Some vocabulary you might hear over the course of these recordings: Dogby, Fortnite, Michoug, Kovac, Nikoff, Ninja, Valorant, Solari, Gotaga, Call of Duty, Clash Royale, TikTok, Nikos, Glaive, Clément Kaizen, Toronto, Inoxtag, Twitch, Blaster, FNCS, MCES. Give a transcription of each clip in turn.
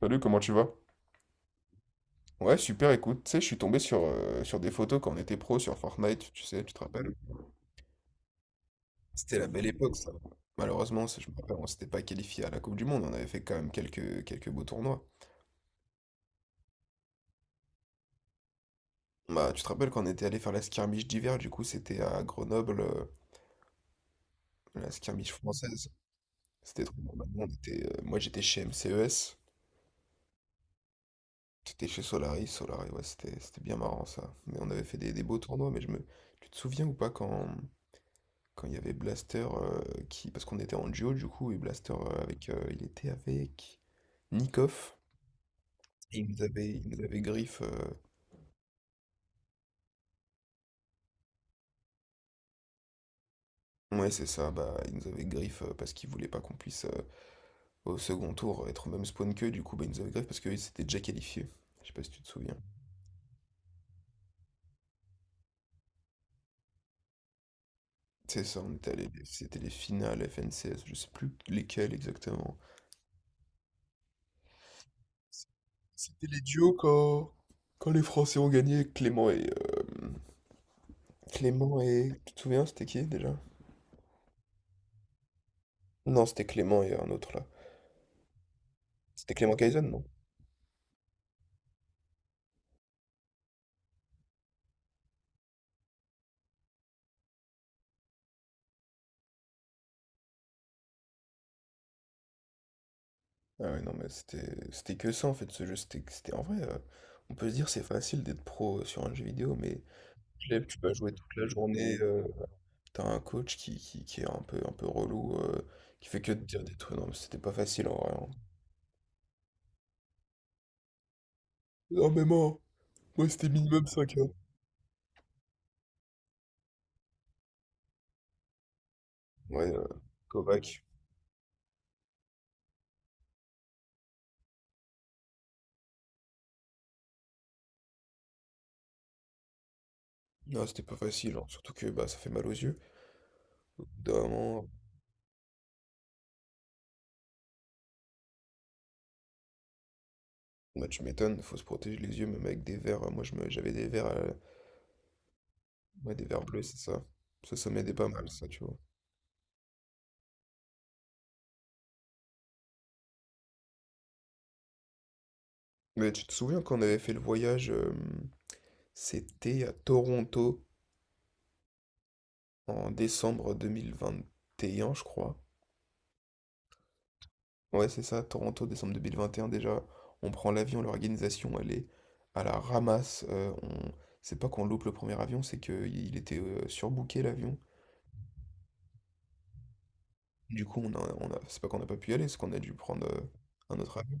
Salut, comment tu vas? Ouais, super, écoute, tu sais, je suis tombé sur, sur des photos quand on était pro sur Fortnite, tu sais, tu te rappelles? C'était la belle époque, ça. Malheureusement, ça, je me rappelle, on s'était pas qualifié à la Coupe du Monde, on avait fait quand même quelques beaux tournois. Bah, tu te rappelles quand on était allé faire la skirmish d'hiver, du coup, c'était à Grenoble, la skirmish française. C'était trop bon. Maintenant, on était, moi, j'étais chez MCES, j'étais chez Solari, Solari, ouais, c'était bien marrant, ça. Mais on avait fait des beaux tournois, mais je me... Tu te souviens ou pas quand... Quand il y avait Blaster qui. Parce qu'on était en duo du coup, et Blaster avec. Il était avec Nikoff. Et il nous avait griffe. Ouais, c'est ça, bah il nous avait griffe parce qu'il voulait pas qu'on puisse au second tour être au même spawn qu'eux, du coup bah il nous avait griffe parce qu'ils s'étaient déjà qualifiés. Je sais pas si tu te souviens. C'est ça, on était allé. C'était les finales FNCS, je sais plus lesquelles exactement. C- C'était les duos quand les Français ont gagné, Clément et. Clément et. Tu te souviens, c'était qui déjà? Non, c'était Clément et un autre là. C'était Clément Kaizen, non? Ah ouais, non, mais c'était que ça en fait, ce jeu. En vrai, on peut se dire c'est facile d'être pro sur un jeu vidéo, mais Glaive, tu vas jouer toute la journée. T'as un coach qui est un peu relou, qui fait que de dire des trucs. Non, mais c'était pas facile en vrai, hein. Non, mais moi c'était minimum 5 heures. Ouais, Kovac. Non, c'était pas facile, hein, surtout que bah, ça fait mal aux yeux. Au bout d'un moment, bah, tu m'étonnes, faut se protéger les yeux, même avec des verres. Moi, j'avais des verres. Ouais, des vers bleus, c'est ça. Ça m'aidait pas mal, ça, tu vois. Mais tu te souviens qu'on avait fait le voyage, c'était à Toronto en décembre 2021, je crois. Ouais, c'est ça, Toronto, décembre 2021 déjà. On prend l'avion, l'organisation, elle est à la ramasse. On... C'est pas qu'on loupe le premier avion, c'est qu'il était surbooké l'avion. Du coup, on a... c'est pas qu'on n'a pas pu y aller, c'est qu'on a dû prendre un autre avion.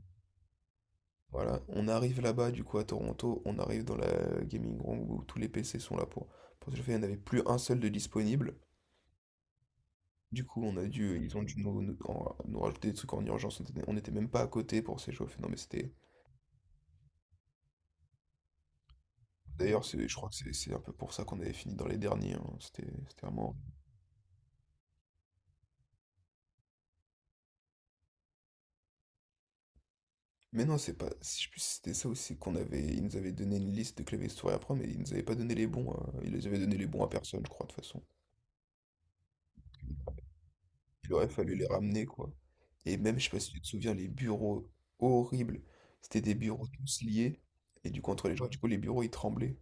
Voilà, on arrive là-bas, du coup, à Toronto, on arrive dans la gaming room où tous les PC sont là pour. Parce que le fait, il n'y en avait plus un seul de disponible. Du coup, on a dû, ils ont dû nous, nous- en- nous rajouter des trucs en urgence. On n'était même pas à côté pour s'échauffer. Non, mais c'était. D'ailleurs, je crois que c'est un peu pour ça qu'on avait fini dans les derniers, hein. C'était vraiment. Mais non, c'est pas. Si je puis c'était ça aussi qu'on avait. Ils nous avaient donné une liste de claviers souris à prendre, mais ils nous avaient pas donné les bons, hein. Ils les avaient donné les bons à personne, je crois, de toute façon. Il aurait fallu les ramener, quoi. Et même, je sais pas si tu te souviens, les bureaux horribles. C'était des bureaux tous liés. Et du coup, entre les gens, du coup, les bureaux, ils tremblaient.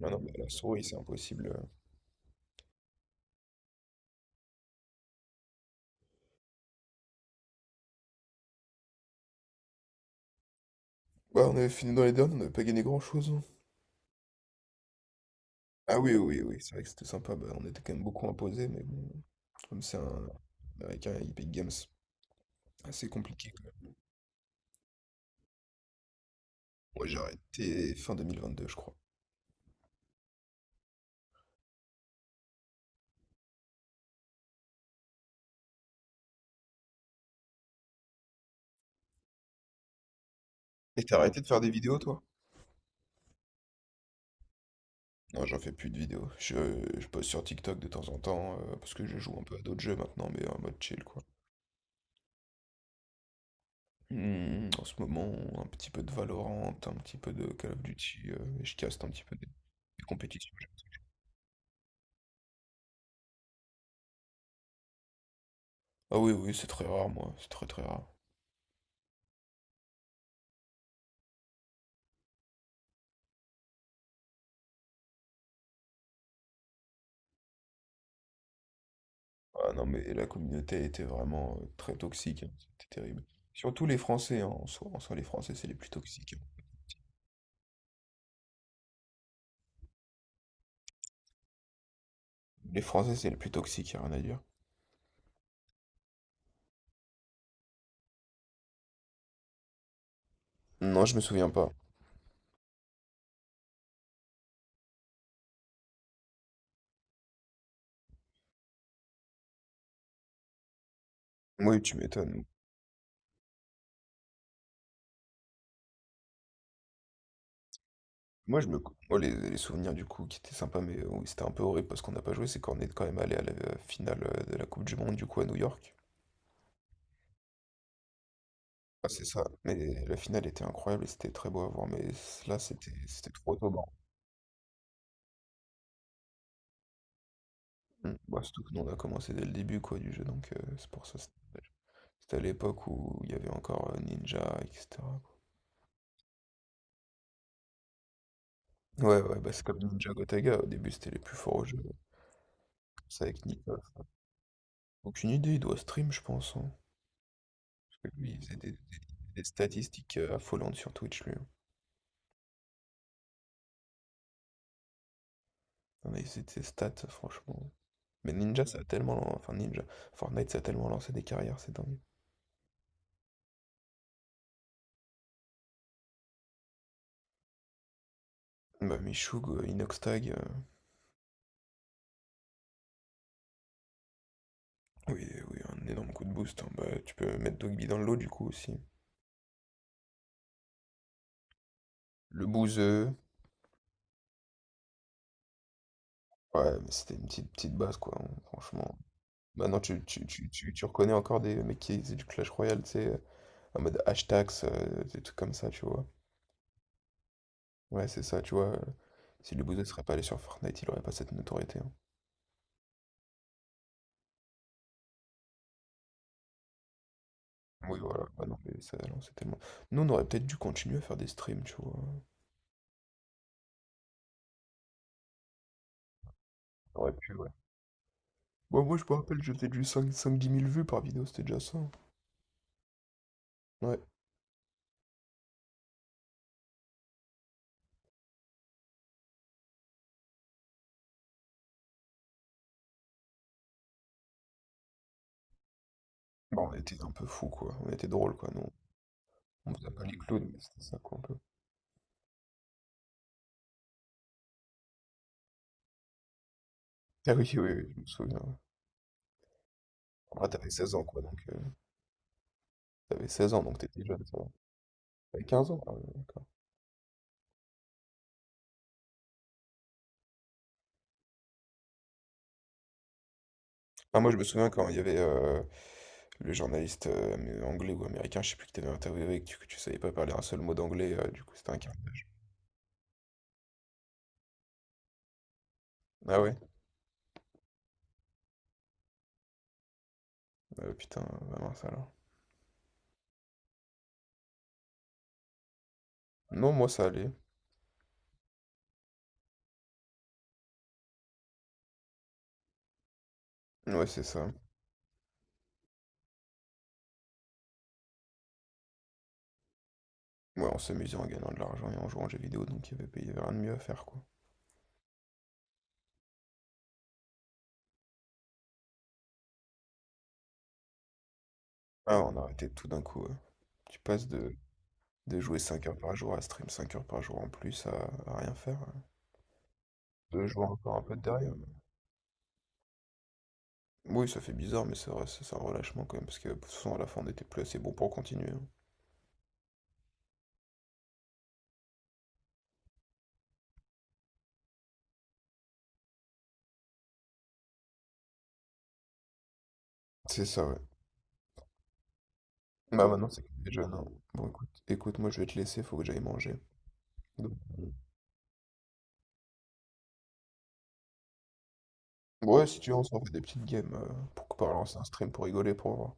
Non, non, mais la souris, c'est impossible. Ouais, on avait fini dans les derniers, on n'avait pas gagné grand-chose, hein. Ah oui, oui, oui, c'est vrai que c'était sympa. Bah, on était quand même beaucoup imposés, mais bon, comme c'est un américain, il paye Games. Assez compliqué, quand même. Moi, j'ai arrêté fin 2022 je crois. Et t'as arrêté de faire des vidéos, toi? Non, j'en fais plus de vidéos. Je poste sur TikTok de temps en temps, parce que je joue un peu à d'autres jeux maintenant, mais en mode chill, quoi. Hmm, en ce moment, un petit peu de Valorant, un petit peu de Call of Duty, et je caste un petit peu des compétitions. Ah oui, oui, c'est très rare, moi, c'est très très rare. Ah non, mais la communauté était vraiment très toxique, hein, c'était terrible. Surtout les Français, hein, en soi, les Français, c'est les plus toxiques, hein. Les Français, c'est les plus toxiques, y a rien à dire. Non, je me souviens pas. Oui, tu m'étonnes. Moi, je me... moi, les souvenirs du coup qui étaient sympas, mais oui, c'était un peu horrible parce qu'on n'a pas joué, c'est qu'on est quand même allé à la finale de la Coupe du Monde du coup à New York. Ah, c'est ça. Mais la finale était incroyable et c'était très beau à voir. Mais là, c'était trop tôt. Bon. Mm. Bah, surtout que nous, on a commencé dès le début quoi, du jeu. Donc, c'est pour ça. C'était dommage. C'était à l'époque où il y avait encore Ninja, etc. quoi. Ouais, ouais, bah, c'est comme Ninja Gotaga. Au début, c'était les plus forts au jeu. Comme ça, avec Nikos. Aucune idée, il doit stream, je pense, hein. Parce que lui, il faisait des statistiques affolantes sur Twitch, lui, hein. Non, mais c'est ses stats, franchement. Mais Ninja, ça a tellement. Enfin, Ninja. Fortnite, ça a tellement lancé des carrières, c'est dingue. Bah, Michoug, Inoxtag. Oui, oui, un énorme coup de boost, hein. Bah, tu peux mettre Dogby dans l'eau du coup aussi. Le bouseux. Ouais, mais c'était une petite, petite base quoi, hein, franchement. Maintenant, tu reconnais encore des mecs qui faisaient du Clash Royale, tu sais, en mode hashtags, des trucs comme ça, tu vois. Ouais, c'est ça, tu vois. Si le bouseux serait pas allé sur Fortnite, il aurait pas cette notoriété, hein. Oui, voilà. Bah non, mais ça, non, c'est tellement. Nous, on aurait peut-être dû continuer à faire des streams, tu vois. On aurait pu, ouais. Bon, moi, je me rappelle, je faisais du 5 10 000 vues par vidéo, c'était déjà ça, hein. Ouais. Bon, on était un peu fous, quoi. On était drôles, quoi, nous. On faisait pas les clowns, mais c'était ça, quoi, un peu. Ah oui, oui, oui, je me souviens, ouais. Bon, là, t'avais 16 ans, quoi, donc... t'avais 16 ans, donc t'étais jeune, ça va. T'avais 15 ans, ah ouais, d'accord. Ah, moi, je me souviens quand il y avait le journaliste mais anglais ou américain, je sais plus, qui t'avait interviewé et que tu savais pas parler un seul mot d'anglais, du coup, c'était un carnage. Ah ouais? Putain, bah mince, alors. Non, moi, ça allait. Ouais, c'est ça. Ouais, on s'amusait en gagnant de l'argent et en jouant aux jeux vidéo, donc il y avait rien de mieux à faire, quoi. Ah, on a arrêté tout d'un coup, ouais. Tu passes de, De jouer 5 heures par jour, à stream 5 heures par jour en plus, à rien faire, hein. De jouer encore un peu derrière. Oui, ça fait bizarre, mais c'est vrai, c'est un relâchement quand même, parce que de toute façon, à la fin, on n'était plus assez bon pour continuer, hein. C'est ça, ouais. Bah maintenant, c'est que t'es jeune, hein. Bon, écoute, écoute, moi, je vais te laisser, faut que j'aille manger. Donc, ouais, si tu veux, on s'en fait des petites games pour lancer un stream pour rigoler, pour voir.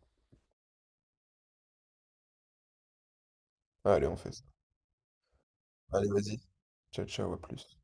Allez, on fait ça. Allez, vas-y. Ciao, ciao, à plus.